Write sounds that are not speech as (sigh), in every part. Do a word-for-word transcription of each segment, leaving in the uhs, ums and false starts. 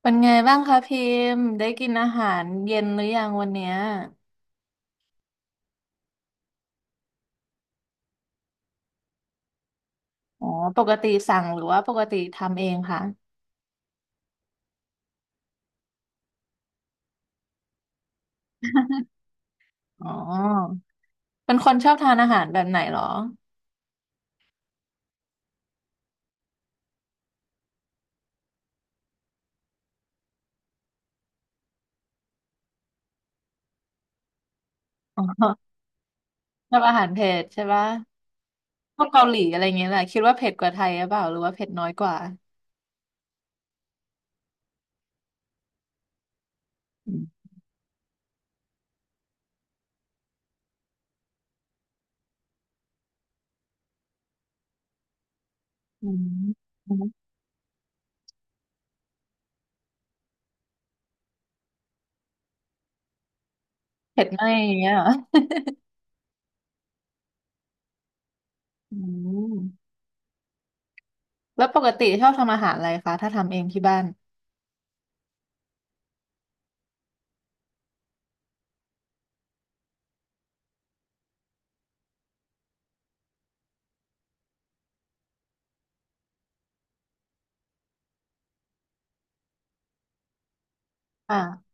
เป็นไงบ้างคะพิมพ์ได้กินอาหารเย็นหรือยังวันเนี้ยอ๋อปกติสั่งหรือว่าปกติทำเองคะอ๋อเป็นคนชอบทานอาหารแบบไหนเหรออ๋อชอบอาหารเผ็ดใช่ปะพวกเกาหลีอะไรเงี้ยแหละคิดว่าเผ็ดกว่าไทยหรือเปล่าหรือว่าเผ็ดน้อยกว่าอืมอืมเผ็ดน้อยอย่างเงี้ยเหรออืมแล้วปกติชอบทำอาหารอะไรคะถ้าทำเองที่บ้านอ่า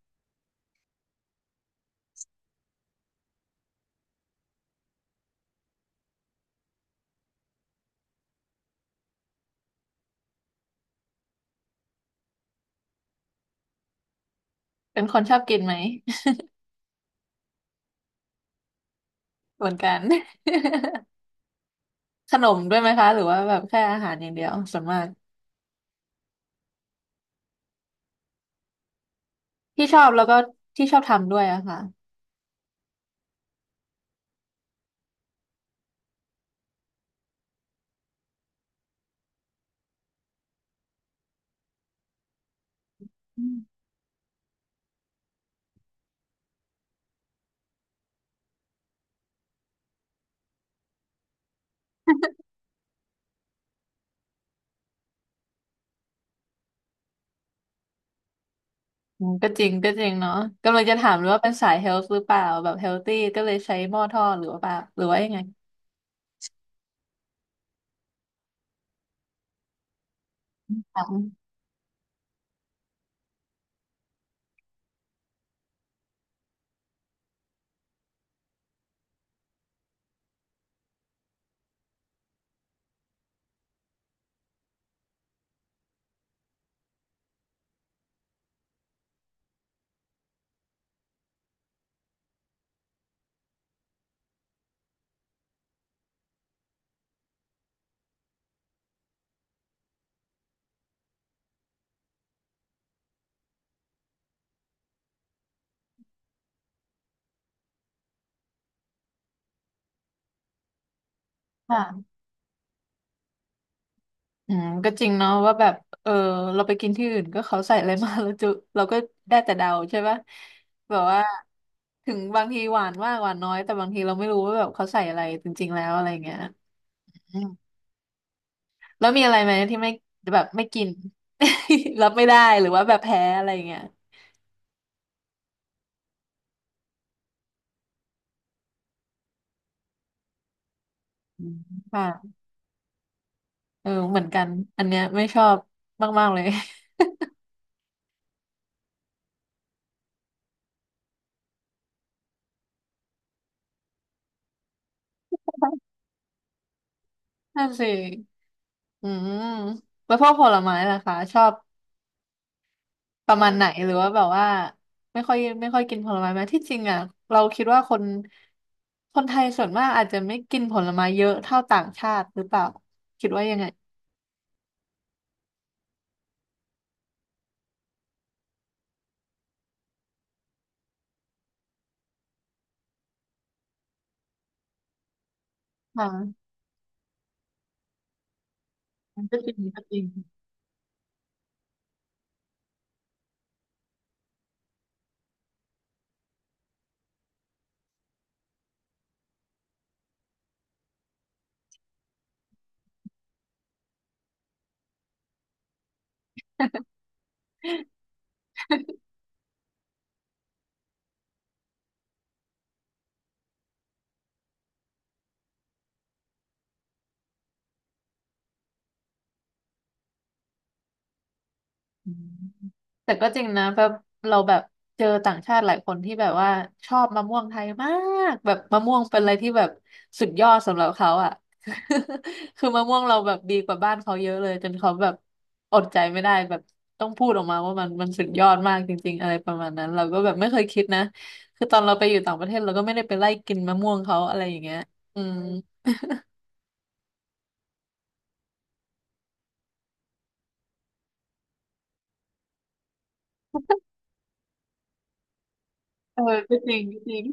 เป็นคนชอบกินไหม (laughs) เหมือนกัน (laughs) ขนมด้วยไหมคะหรือว่าแบบแค่อาหารอย่างเดียวส่วนมากที่ชอบแล้วก็ที่ชอบทำด้วยอะค่ะอืมก็จริงก็จริงเนาะกำลังจะถามเลยว่าเป็นสายเฮลท์หรือเปล่าแบบเฮลตี้ก็เลยใช้หม้อทอดหรือว่าเปล่าหรือว่ายังไงค่ะค่ะอืมก็จริงเนาะว่าแบบเออเราไปกินที่อื่นก็เขาใส่อะไรมาแล้วจุ (laughs) เราก็ได้แต่เดาใช่ปะแบบว่าถึงบางทีหวานมากหวานน้อยแต่บางทีเราไม่รู้ว่าแบบเขาใส่อะไรจริงๆแล้วอะไรเงี้ย แล้วมีอะไรไหมที่ไม่แบบไม่กิน (laughs) รับไม่ได้หรือว่าแบบแพ้อะไรอย่างเงี้ยอืมค่ะเออเหมือนกันอันเนี้ยไม่ชอบมากๆเลย (laughs) นั่นสิอืมแล้วพวกผลไม้ล่ะคะชอบประมาณไหนหรือว่าแบบว่าไม่ค่อยไม่ค่อยกินผลไม้ไหมที่จริงอ่ะเราคิดว่าคนคนไทยส่วนมากอาจจะไม่กินผลไม้เยอะเท่าต่างชาติหรือเปล่าคิดว่ายังไงค่ะมันก็จริงก็จริง แต่ก็จริงนะแบบเราแบบเจอต่างชาติหลายคนที่แบบว่าชอบมะม่วงไทยมากแบบมะม่วงเป็นอะไรที่แบบสุดยอดสำหรับเขาอ่ะ (laughs) คือมะม่วงเราแบบดีกว่าบ้านเขาเยอะเลยจนเขาแบบอดใจไม่ได้แบบต้องพูดออกมาว่ามันมันสุดยอดมากจริงๆอะไรประมาณนั้น เราก็แบบไม่เคยคิดนะคือตอนเราไปอยู่ต่างประเทศเราก็ไม่ได้ไปไล่กินมะม่วงเขาอะไรอย่างเงี้ยอืมเออก็จริงก็จริง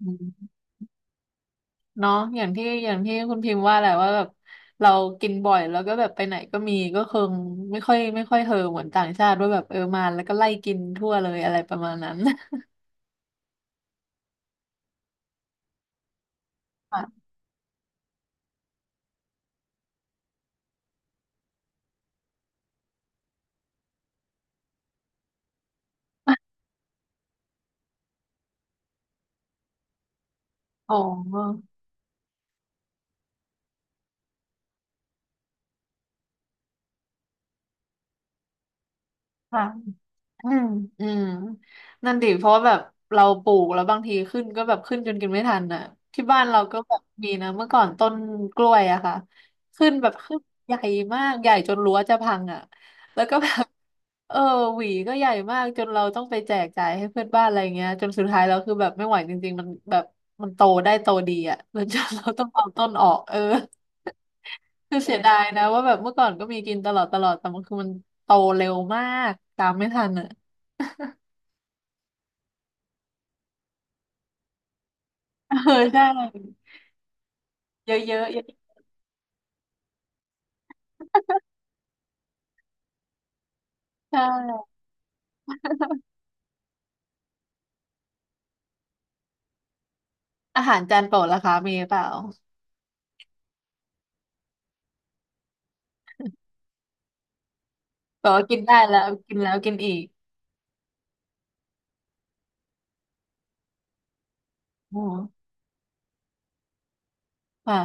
(laughs) เนาะอย่างที่อย่างที่คุณพิมพ์ว่าแหละว่าแบบเรากินบ่อยแล้วก็แบบไปไหนก็มีก็คงไม่ค่อยไม่ค่อยเฮอเหมือนต่างชาติว่าแบบเออมาแล้วก็ไล่กินทั่วเลยอะไรประมาณนั้น (laughs) ค่ะอ๋อค่ะ อืมอืมนั่นดิเพราะว่าแบบเราปลูกแล้วบางทีขึ้นก็แบบขึ้นจนกินไม่ทันน่ะที่บ้านเราก็แบบมีนะเมื่อก่อนต้นกล้วยอะค่ะขึ้นแบบขึ้นใหญ่มากใหญ่จนรั้วจะพังอะแล้วก็แบบ (laughs) เออหวีก็ใหญ่มากจนเราต้องไปแจกจ่ายให้เพื่อนบ้านอะไรเงี้ยจนสุดท้ายเราคือแบบไม่ไหวจริงๆมันแบบมันโตได้โตดีอะ (laughs) แล้วจนเราต้องเอาต้นออกเออ คือเสียดายนะว่าแบบเมื่อก่อนก็มีกินตลอดตลอดแต่มันคือมันโตเร็วมากตามไม่ทันอ่ะ (laughs) เออใช่เยอะเยอะเยอะใช่อาหารจานโปรดล่ะคะมีเปล่าแต่ว่ากินได้แล้วกินแล้วกินอีกอ๋อค่ะ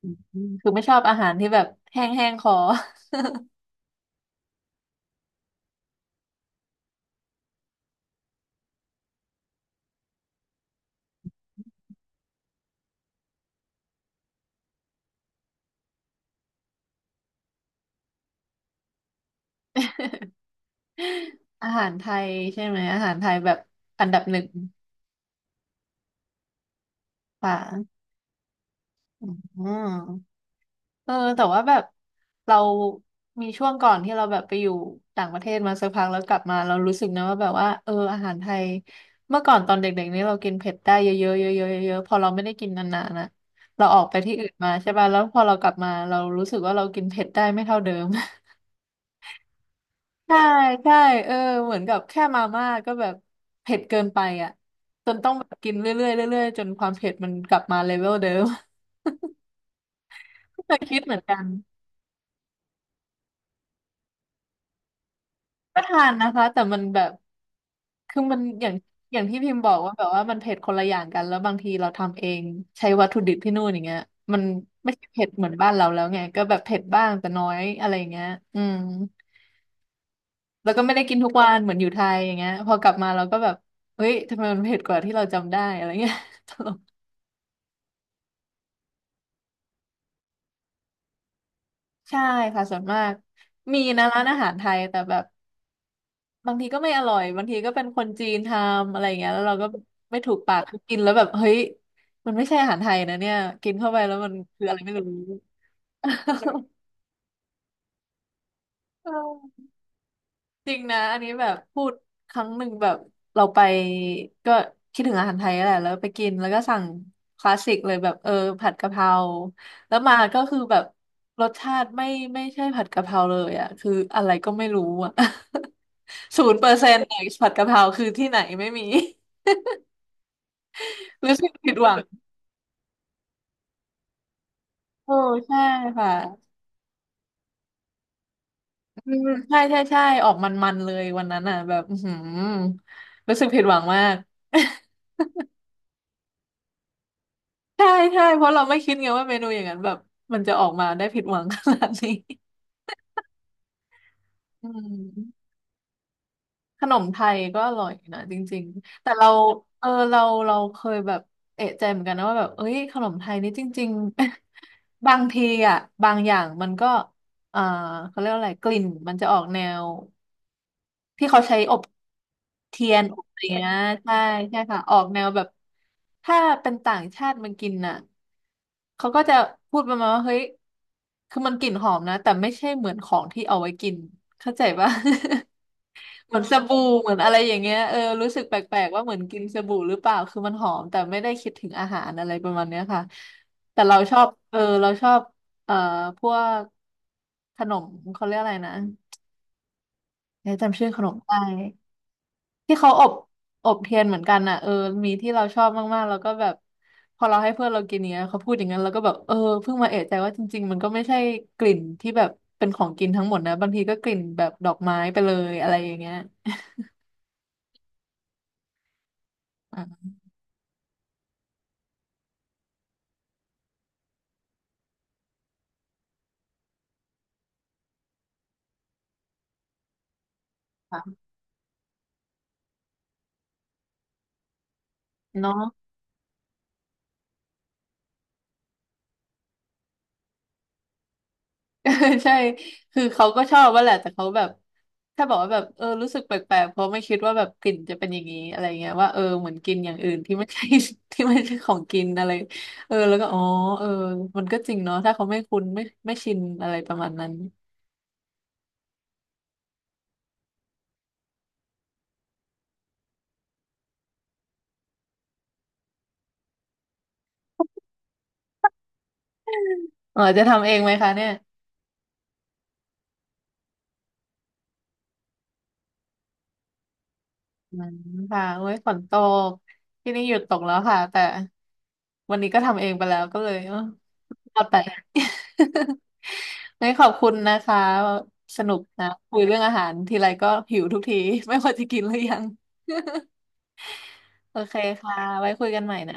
อืมคือไม่ชอบอาหารที่แบบแห้งแห้งคอ (laughs) อาหารไทยใช่ไหมอาหารไทยแบบอันดับหนึ่งค่ะอืม เออแต่ว่าแบบเรามีช่วงก่อนที่เราแบบไปอยู่ต่างประเทศมาสักพักแล้วกลับมาเรารู้สึกนะว่าแบบว่าเอออาหารไทยเมื่อก่อนตอนเด็กๆนี่เรากินเผ็ดได้เยอะๆเยอะๆเยอะๆพอเราไม่ได้กินนานๆนะเราออกไปที่อื่นมาใช่ป่ะแล้วพอเรากลับมาเรารู้สึกว่าเรากินเผ็ดได้ไม่เท่าเดิม (laughs) ใช่ใช่เออเหมือนกับแค่มาม่าก็แบบเผ็ดเกินไปอ่ะจนต้องแบบกินเรื่อยๆเรื่อยๆจนความเผ็ดมันกลับมาเลเวลเดิม (laughs) แต่คิดเหมือนกัน ก็ทานนะคะแต่มันแบบคือมันอย่างอย่างที่พิมพ์บอกว่าแบบว่ามันเผ็ดคนละอย่างกันแล้วบางทีเราทำเองใช้วัตถุดิบที่นู่นอย่างเงี้ยมันไม่ใช่เผ็ดเหมือนบ้านเราแล้วไงก็แบบเผ็ดบ้างแต่น้อยอะไรอย่างเงี้ยอืมแล้วก็ไม่ได้กินทุกวันเหมือนอยู่ไทยอย่างเงี้ยพอกลับมาเราก็แบบเฮ้ยทำไมมันเผ็ดกว่าที่เราจำได้อะไรเงี้ย (laughs) ตลกใช่ค่ะส่วนมากมีนะร้านอาหารไทยแต่แบบ บางทีก็ไม่อร่อยบางทีก็เป็นคนจีนทำอะไรอย่างเงี้ยแล้วเราก็ไม่ถูกปากคือกินแล้วแบบเฮ้ยมันไม่ใช่อาหารไทยนะเนี่ยกินเข้าไปแล้วมันคืออะไรไม่รู้ (laughs) เออจริงนะอันนี้แบบพูดครั้งหนึ่งแบบเราไปก็คิดถึงอาหารไทยแหละแล้วไปกินแล้วก็สั่งคลาสสิกเลยแบบเออผัดกะเพราแล้วมาก็คือแบบรสชาติไม่ไม่ใช่ผัดกะเพราเลยอ่ะคืออะไรก็ไม่รู้อ่ะ (laughs) ศูนย์เปอร์เซ็นต์ผัดกะเพราคือที่ไหนไม่มี รู้สึกผิดหวังโอ้ใช่ค่ะอืมใช่ใช่ใช่ออกมันๆเลยวันนั้นอ่ะแบบอื้อหือรู้สึกผิดหวังมาก (laughs) ใช่ใช่เพราะเราไม่คิดไงว่าเมนูอย่างนั้นแบบมันจะออกมาได้ผิดหวังขนาดนี้อืมขนมไทยก็อร่อยนะจริงๆแต่เราเออเราเราเคยแบบเอะใจเหมือนกันนะว่าแบบเอ้ยขนมไทยนี่จริงๆ (laughs) บางทีอ่ะบางอย่างมันก็เอ่อเขาเรียกว่าอะไรกลิ่นมันจะออกแนว ที่เขาใช้อบเทียนออบอะไรเงี้ยใช่ใช่ค่ะออกแนวแบบถ้าเป็นต่างชาติมันกินน่ะเขาก็จะพูดประมาณว่าเฮ้ยคือมันกลิ่นหอมนะแต่ไม่ใช่เหมือนของที่เอาไว้กินเข้าใจปะ (laughs) เหมือนสบู่เหมือนอะไรอย่างเงี้ยเออรู้สึกแปลกๆว่าเหมือนกินสบู่หรือเปล่าคือมันหอมแต่ไม่ได้คิดถึงอาหารอะไรประมาณเนี้ยค่ะแต่เราชอบเออเราชอบเอ่อพวกขนมเขาเรียกอะไรนะเอ๊ะจำชื่อขนมไม่ได้ ที่เขาอบอบเทียนเหมือนกันอ่ะเออมีที่เราชอบมากๆแล้วก็แบบพอเราให้เพื่อนเรากินเนี้ยเขาพูดอย่างนั้นแล้วก็แบบเออเพิ่งมาเอะใจว่าจริงๆมันก็ไม่ใช่กลิ่นที่แบบเป็นของกินทั้งหมดนะบางทีก็กลิ่นแบบดอกไม้ไปเลยอะไรอย่างเงี้ยอ่าค่ะเนาะ (laughs) ใช่คือเขาก็ชอบว่าแหละ แต่เขาแบบถ้าบอกว่าแบบเออรู้สึกแปลกๆเพราะไม่คิดว่าแบบกลิ่นจะเป็นอย่างนี้อะไรเงี้ยว่าเออเหมือนกินอย่างอื่นที่ไม่ใช่ (laughs) ที่ไม่ใช่ของกินอะไรเออแล้วก็อ๋อเออมันก็จริงเนาะถ้าเขาไม่คุ้นไม่ไม่ชินอะไรประมาณนั้นเออจะทำเองไหมคะเนี่ยอืมค่ะโอ้ยฝนตกที่นี่หยุดตกแล้วค่ะแต่วันนี้ก็ทำเองไปแล้วก็เลย รอดไป (laughs) งั้นขอบคุณนะคะ สนุกนะคุยเรื่องอาหารทีไรก็หิวทุกที (laughs) ไม่ว่าจะกินหรือยังโอเคค่ะไว้คุยกันใหม่นะ